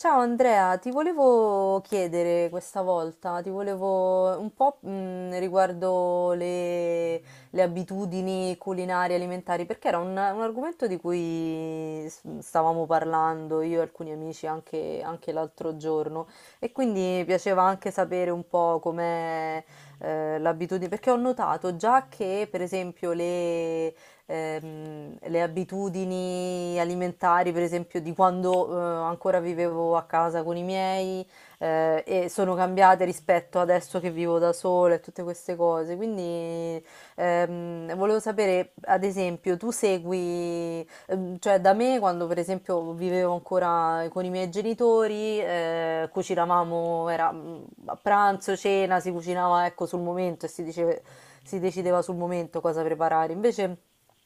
Ciao Andrea, ti volevo chiedere questa volta, ti volevo un po' riguardo le abitudini culinarie alimentari, perché era un argomento di cui stavamo parlando io e alcuni amici anche, anche l'altro giorno e quindi mi piaceva anche sapere un po' com'è l'abitudine, perché ho notato già che per esempio le abitudini alimentari, per esempio, di quando ancora vivevo a casa con i miei e sono cambiate rispetto adesso che vivo da sola e tutte queste cose. Quindi volevo sapere, ad esempio, tu segui, cioè da me quando per esempio vivevo ancora con i miei genitori, cucinavamo, era a pranzo, cena, si cucinava ecco sul momento e si decideva sul momento cosa preparare. Invece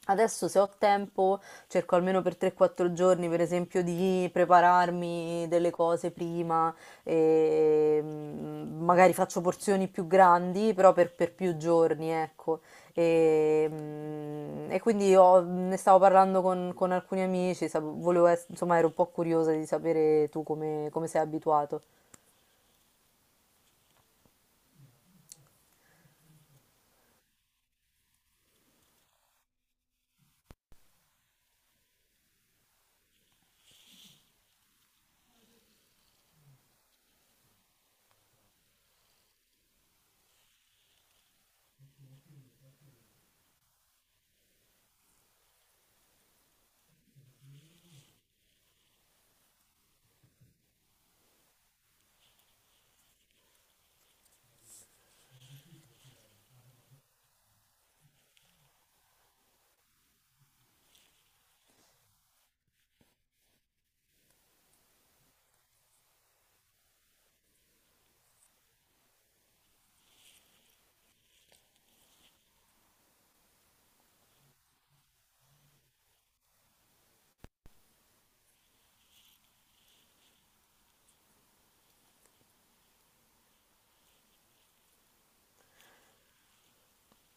adesso se ho tempo cerco almeno per 3-4 giorni, per esempio, di prepararmi delle cose prima, e magari faccio porzioni più grandi, però per più giorni, ecco. E quindi ne stavo parlando con alcuni amici, volevo insomma ero un po' curiosa di sapere tu come, come sei abituato.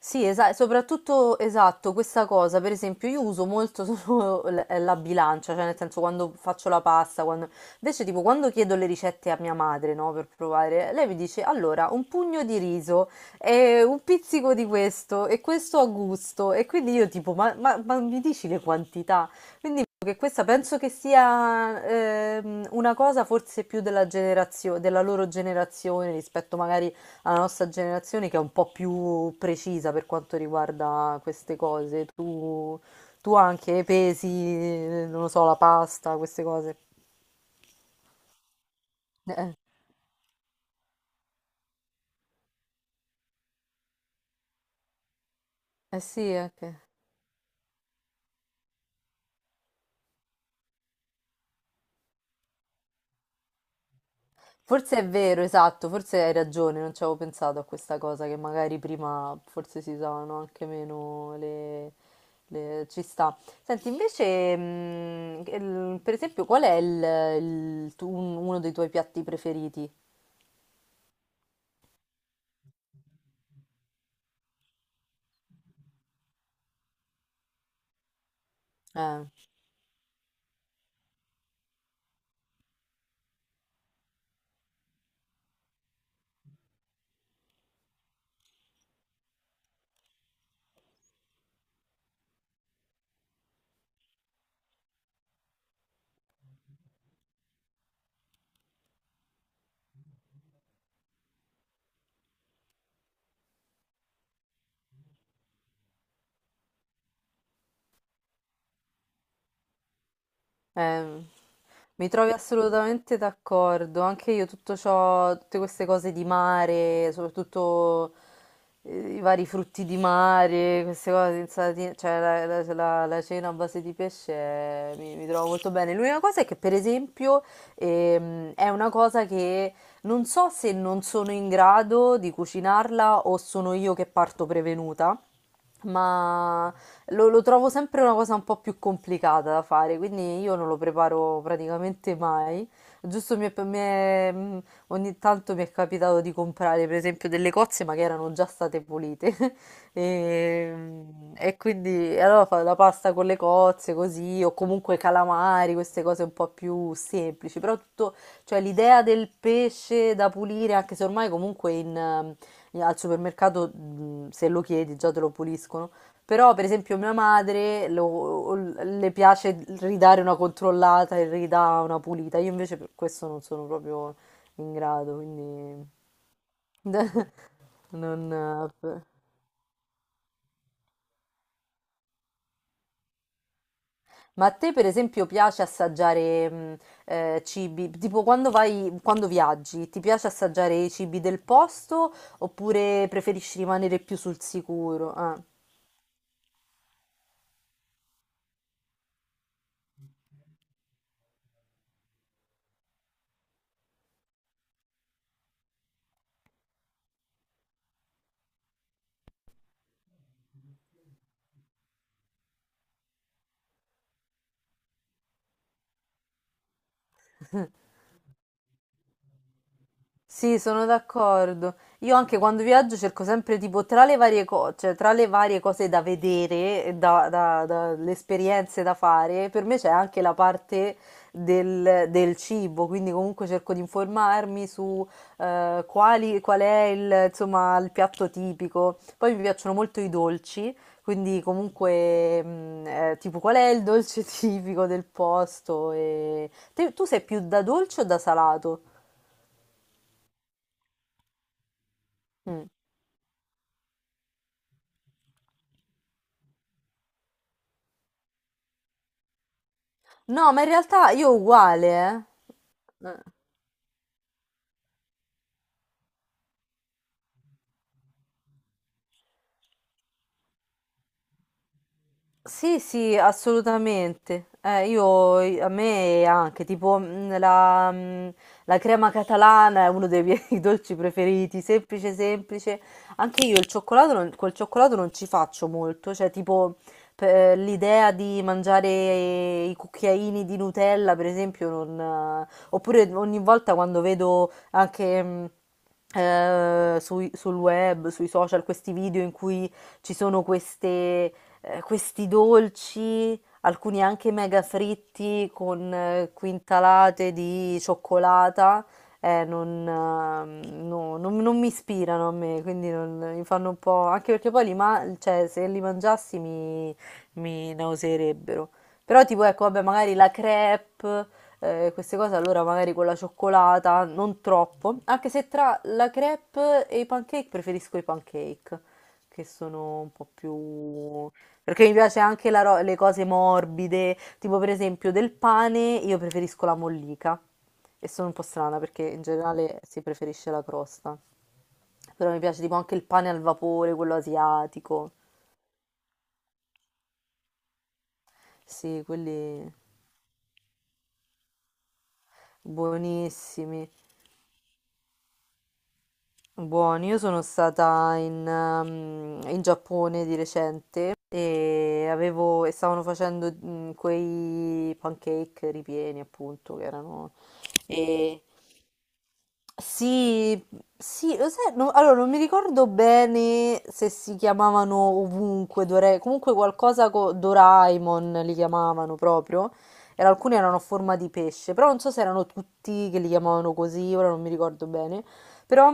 Sì, esatto, soprattutto esatto, questa cosa, per esempio, io uso molto solo la bilancia, cioè nel senso quando faccio la pasta, quando... invece tipo quando chiedo le ricette a mia madre, no, per provare, lei mi dice allora un pugno di riso e un pizzico di questo e questo a gusto e quindi io tipo ma mi dici le quantità? Quindi che questa penso che sia una cosa forse più della della loro generazione rispetto magari alla nostra generazione che è un po' più precisa per quanto riguarda queste cose. Tu anche pesi, non lo so, la pasta, queste cose. Eh, eh sì, anche. Forse è vero, esatto, forse hai ragione, non ci avevo pensato a questa cosa che magari prima forse si usavano anche meno Ci sta. Senti, invece, per esempio, qual è il uno dei tuoi piatti preferiti? Eh. Eh, mi trovi assolutamente d'accordo, anche io tutto ciò, tutte queste cose di mare, soprattutto i vari frutti di mare, queste cose, insalatine, cioè la cena a base di pesce mi trovo molto bene. L'unica cosa è che per esempio è una cosa che non so se non sono in grado di cucinarla o sono io che parto prevenuta ma lo trovo sempre una cosa un po' più complicata da fare, quindi io non lo preparo praticamente mai. Giusto ogni tanto mi è capitato di comprare, per esempio, delle cozze, ma che erano già state pulite. E quindi e allora fa la pasta con le cozze, così, o comunque calamari, queste cose un po' più semplici. Però tutto, cioè l'idea del pesce da pulire, anche se ormai comunque al supermercato, se lo chiedi, già te lo puliscono. Però, per esempio, mia madre le piace ridare una controllata e ridà una pulita. Io invece per questo non sono proprio in grado, quindi non... Ma a te, per esempio, piace assaggiare cibi? Tipo quando vai, quando viaggi, ti piace assaggiare i cibi del posto oppure preferisci rimanere più sul sicuro? Ah. Sì, sono d'accordo. Io anche quando viaggio cerco sempre tipo tra le varie cose, cioè tra le varie cose da vedere, e le esperienze da fare, per me c'è anche la parte del cibo, quindi comunque cerco di informarmi su qual è insomma, il piatto tipico. Poi mi piacciono molto i dolci, quindi comunque tipo qual è il dolce tipico del posto. E... Tu sei più da dolce o da salato? Mm. No, ma in realtà io uguale, eh. Sì, sì, assolutamente. A me anche, la crema catalana è uno dei miei dolci preferiti, semplice, semplice. Anche io il cioccolato col cioccolato non ci faccio molto, cioè tipo l'idea di mangiare i cucchiaini di Nutella, per esempio, non... oppure ogni volta quando vedo anche... sul web, sui social, questi video in cui ci sono questi dolci, alcuni anche mega fritti con quintalate di cioccolata, non, no, non- non mi ispirano a me, quindi mi fanno un po'... anche perché poi cioè, se li mangiassi mi nauseerebbero. Però tipo ecco, vabbè, magari la crepe, queste cose allora magari con la cioccolata, non troppo, anche se tra la crepe e i pancake preferisco i pancake che sono un po' più perché mi piace anche le cose morbide, tipo per esempio del pane, io preferisco la mollica. E sono un po' strana perché in generale si preferisce la crosta. Però mi piace tipo anche il pane al vapore, quello asiatico. Sì, quelli buonissimi. Buoni, io sono stata in, in Giappone di recente e, avevo, e stavano facendo quei pancake ripieni, appunto, che erano... E, sì, sì, lo sai, allora non mi ricordo bene se si chiamavano ovunque, comunque qualcosa con Doraemon li chiamavano proprio, e alcuni erano a forma di pesce, però non so se erano tutti che li chiamavano così, ora non mi ricordo bene. Però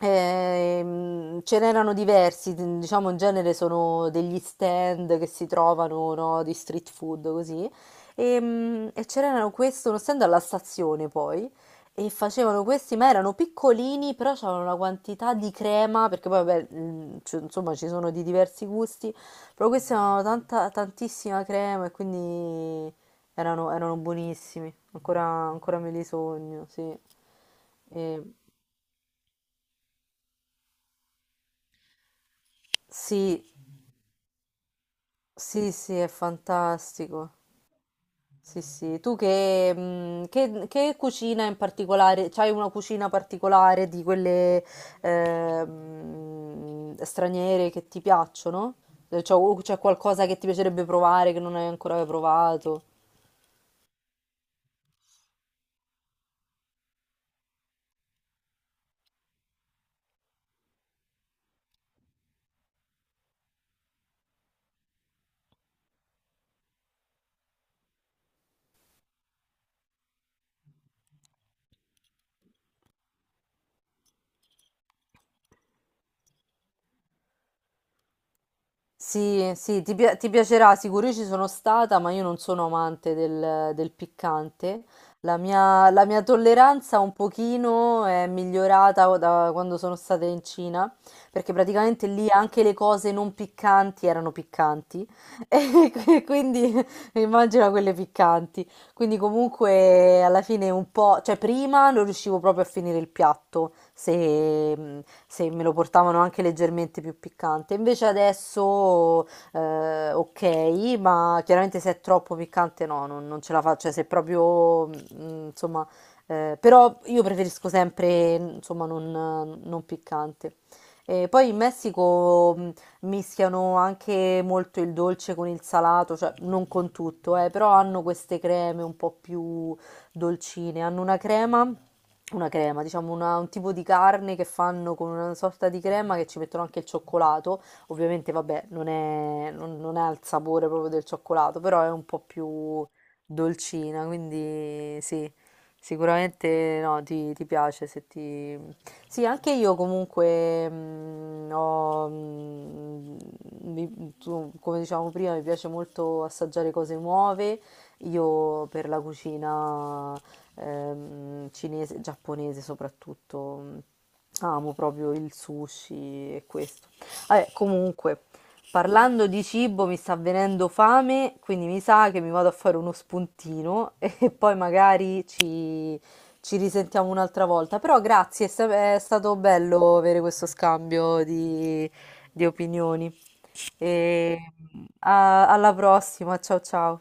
ce n'erano diversi, diciamo in genere sono degli stand che si trovano, no, di street food così. C'erano questo, uno stand alla stazione poi, e facevano questi, ma erano piccolini, però c'avevano una quantità di crema, perché poi vabbè, insomma ci sono di diversi gusti, però questi avevano tantissima crema e quindi erano buonissimi, ancora me li sogno, sì. E- Sì, sì, sì, è fantastico. Sì, sì. Tu che, che cucina in particolare? C'hai una cucina particolare di quelle straniere che ti piacciono? Cioè, o c'è qualcosa che ti piacerebbe provare che non hai ancora provato? Sì, sì, ti piacerà sicuro. Io ci sono stata, ma io non sono amante del piccante. La mia tolleranza un pochino è migliorata da quando sono stata in Cina, perché praticamente lì anche le cose non piccanti erano piccanti. E quindi immagino quelle piccanti. Quindi comunque alla fine un po', cioè prima non riuscivo proprio a finire il piatto se me lo portavano anche leggermente più piccante. Invece adesso ok, ma chiaramente se è troppo piccante no, non ce la faccio, cioè se proprio insomma, però io preferisco sempre insomma non piccante. E poi in Messico mischiano anche molto il dolce con il salato, cioè non con tutto, però hanno queste creme un po' più dolcine, hanno una crema, diciamo un tipo di carne che fanno con una sorta di crema che ci mettono anche il cioccolato, ovviamente vabbè non è, non, non ha il sapore proprio del cioccolato, però è un po' più dolcina, quindi sì, sicuramente no, ti piace se ti sì, anche io comunque mm, ho, mm, mi- tu- come dicevamo prima, mi piace molto assaggiare cose nuove. Io per la cucina cinese, giapponese soprattutto, amo proprio il sushi e questo. Vabbè, comunque, parlando di cibo mi sta venendo fame, quindi mi sa che mi vado a fare uno spuntino e poi magari ci risentiamo un'altra volta. Però grazie, è stato bello avere questo scambio di opinioni. E alla prossima, ciao ciao.